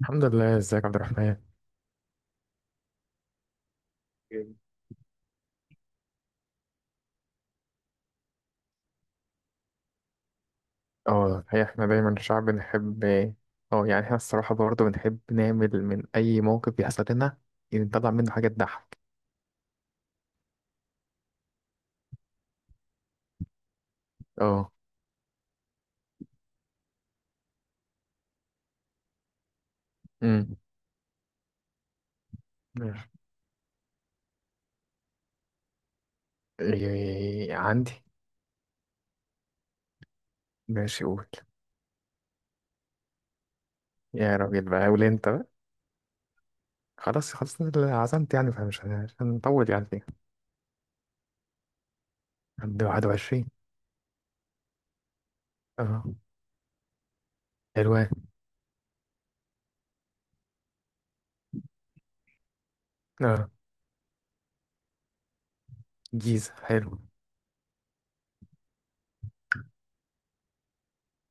الحمد لله. ازيك يا عبد الرحمن. جامد. اه الحقيقة احنا دايما الشعب بنحب. اه يعني احنا الصراحة برضه بنحب نعمل من أي موقف بيحصل لنا يعني نطلع منه حاجة تضحك. اه امم ماشي. إيه، عندي. ماشي قول. يا راجل بقى قول انت بقى. خلاص خلاص أنا اللي عزمت يعني فمش مش هنطول يعني فيه. عند 21. اه، حلوان. اه، جيزة حلو.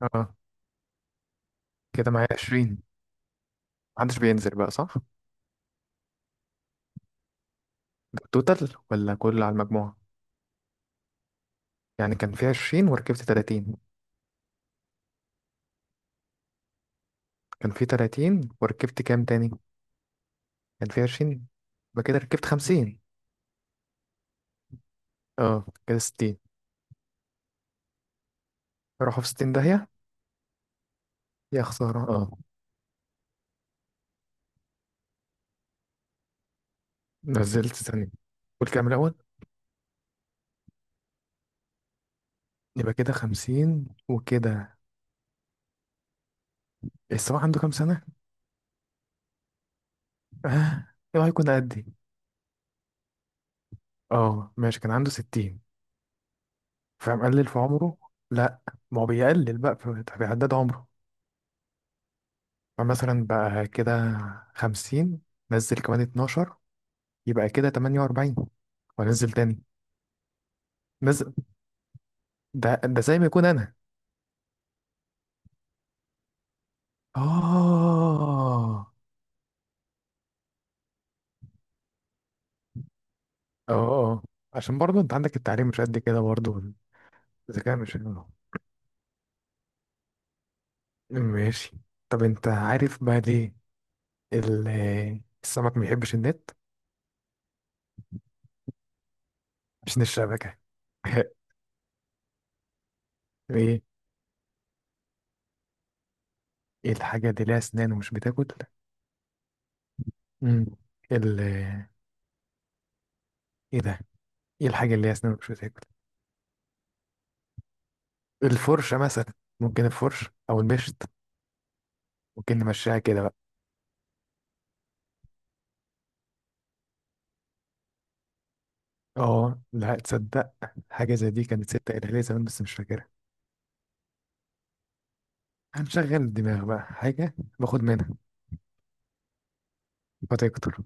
اه، كده معايا 20. محدش بينزل بقى صح؟ ده التوتال ولا كله على المجموع؟ يعني كان في 20 وركبت 30. كان في 30 وركبت كام تاني؟ كان في 20. يبقى كده ركبت 50. اه، كده 60. راحوا في 60 داهية. يا خسارة اه. نزلت ثانية. قول كام الأول. يبقى كده 50 وكده. السواق عنده كام سنة؟ اه. ايه هيكون قدي. اه ماشي، كان عنده 60. فمقلل في عمره. لا، ما هو بيقلل بقى فبيعدد عمره. فمثلا بقى كده 50، نزل كمان 12، يبقى كده 48. وانزل تاني بس. ده زي ما يكون انا. اه اه اه عشان برضه انت عندك التعليم مش قد كده برضه. الذكاء مش حلو. ماشي. طب انت عارف بقى ليه ال- السمك ما بيحبش النت؟ عشان الشبكة. ايه. ايه الحاجة اللي ليها اسنان ومش بتاكل؟ مم. ال ايه ده؟ ايه الحاجة اللي ليها اسنان ومش بتاكل؟ الفرشة مثلا. ممكن الفرش او المشط. ممكن نمشيها كده بقى. اه لا تصدق. حاجة زي دي كانت ستة قالها لي زمان بس مش فاكرها. هنشغل الدماغ بقى. حاجة باخد منها فتكتر.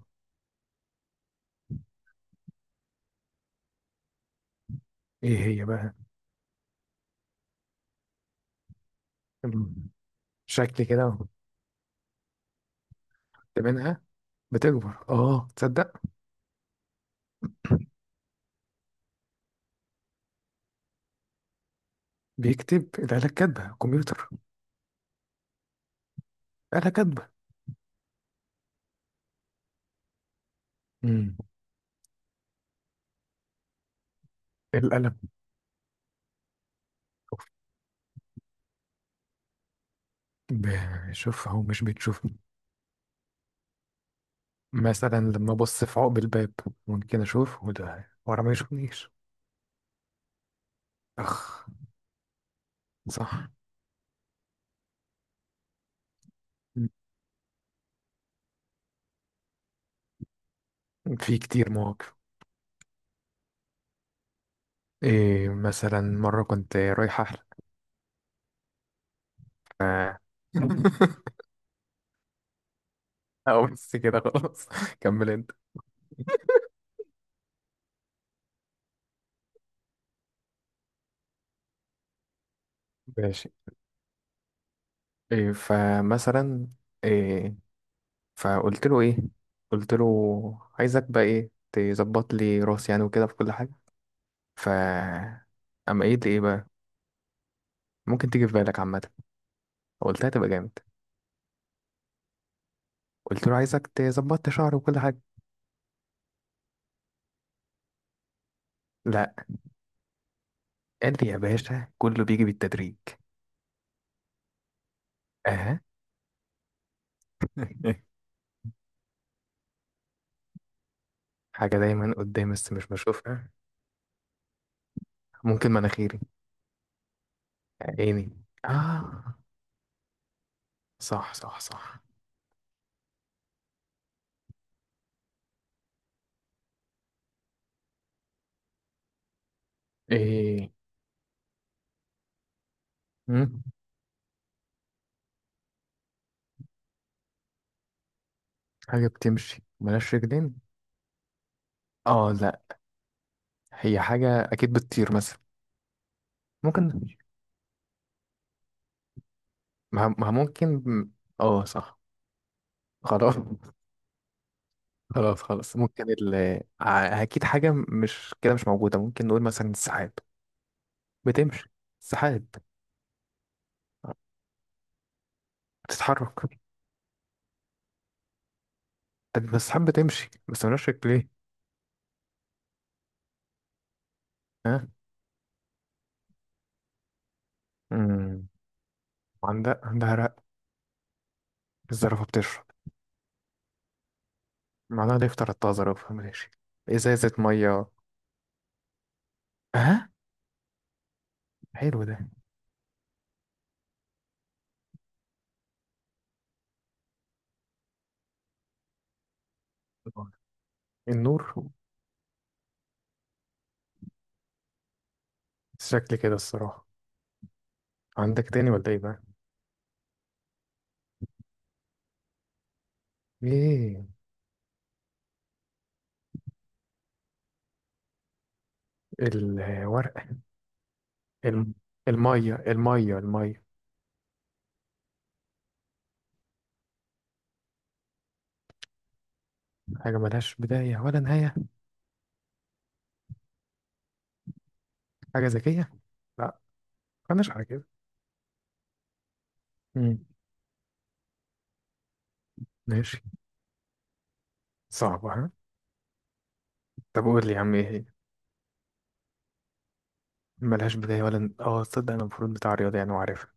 ايه هي بقى؟ أم، شكل كده أهو. خدت منها بتكبر. اه تصدق. بيكتب الآلة كاتبة، كمبيوتر. آلة كاتبة. أمم، القلم. شوف، بشوف أهو مش بتشوف. مثلا لما أبص في عقب الباب ممكن أشوف وده ورا ما يشوفنيش. أخ. صح. أمم، في كتير مواقف. إيه مثلا مرة كنت رايح أحلق ف- أو بس كده خلاص. كمل أنت. ماشي. إيه فمثلا. إيه. فقلت له ايه. قلت له عايزك بقى ايه، تظبط لي راسي يعني وكده في كل حاجه. ف اما ايه بقى ممكن تيجي في بالك عامه قلتها تبقى جامد. قلت له عايزك تظبط لي شعري وكل حاجه. لا. قال لي يا باشا كله بيجي بالتدريج. اها. حاجه دايما قدامي بس مش بشوفها. ممكن مناخيري. عيني اه. صح صح صح. ايه مم، حاجه بتمشي ملهاش رجلين. اه لا، هي حاجة أكيد بتطير مثلا. ممكن. ما ممكن. اه صح. خلاص خلاص خلاص. ممكن أكيد حاجة مش كده مش موجودة. ممكن نقول مثلا السحاب. بتمشي. السحاب بتتحرك. طب بس السحاب بتمشي بس ملهاش رجلين. ها. امم عندها الزرافة بتشرب معناها ده يفطر الطازة. زرافة ماشي. إزازة مية. ها. حلو ده. النور. شكل كده الصراحة. عندك تاني ولا ايه بقى؟ ايه. الورق. الم... المية المية المية. حاجة ملهاش بداية ولا نهاية. حاجة ذكية. لا، مالناش على كده. مم. ماشي. صعبة. ها، طب قول لي يا عم ايه هي. ملهاش بداية ولا اه تصدق، انا المفروض بتاع رياضة يعني وعارفها.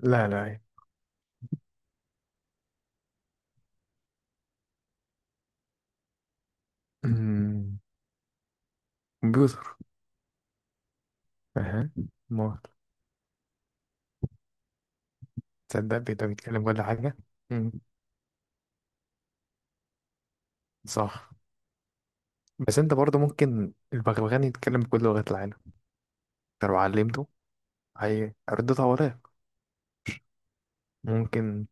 لا لا، ايه. مم. كمبيوتر. اها. ما تصدق بيقدر يتكلم كل حاجة. مم. صح. بس انت برضه ممكن البغبغان يتكلم بكل لغات العالم انت لو علمته. هي ردتها وراك. ممكن.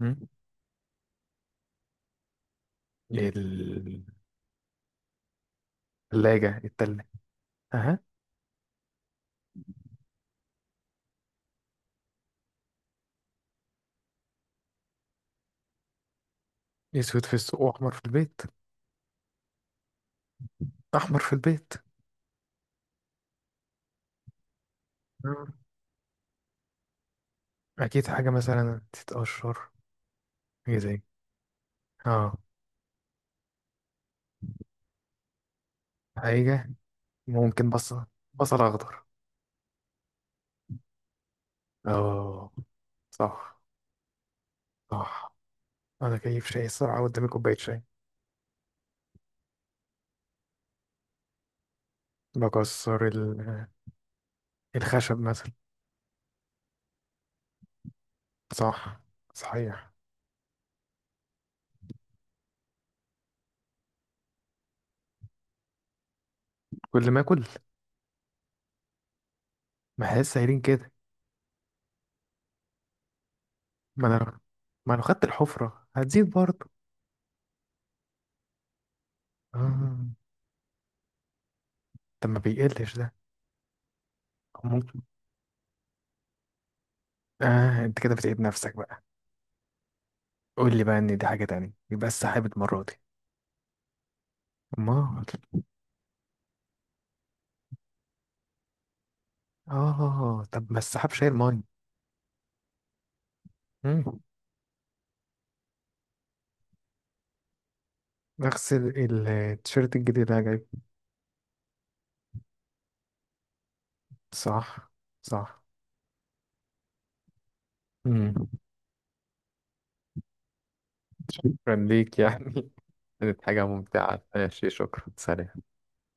مم. الثلاجة. التلة. اها. اسود في السوق واحمر في البيت. احمر في البيت. آه. اكيد حاجه مثلا تتقشر. حاجه زي. اه حاجه. ممكن بصل. بصل اخضر. اه صح صح. انا كيف شاي الصراحه، قدامي كوبايه شاي. بكسر الخشب مثلا. صح صحيح. كل ما اكل. ما احس سايرين كده. ما انا لو- ما انا خدت الحفره هتزيد برضه. اه طب ما بيقلش ده. أو ممكن. اه انت كده بتعيد نفسك بقى. قول لي بقى ان دي حاجة تانية، يبقى السحاب المرة دي. امال. اه طب ما السحاب شايل مية. مم. اغسل التيشيرت الجديد اللي انا جايبه. صح صح. مم. شكرا ليك يعني. كانت حاجة ممتعة. ماشي شكرا سلام.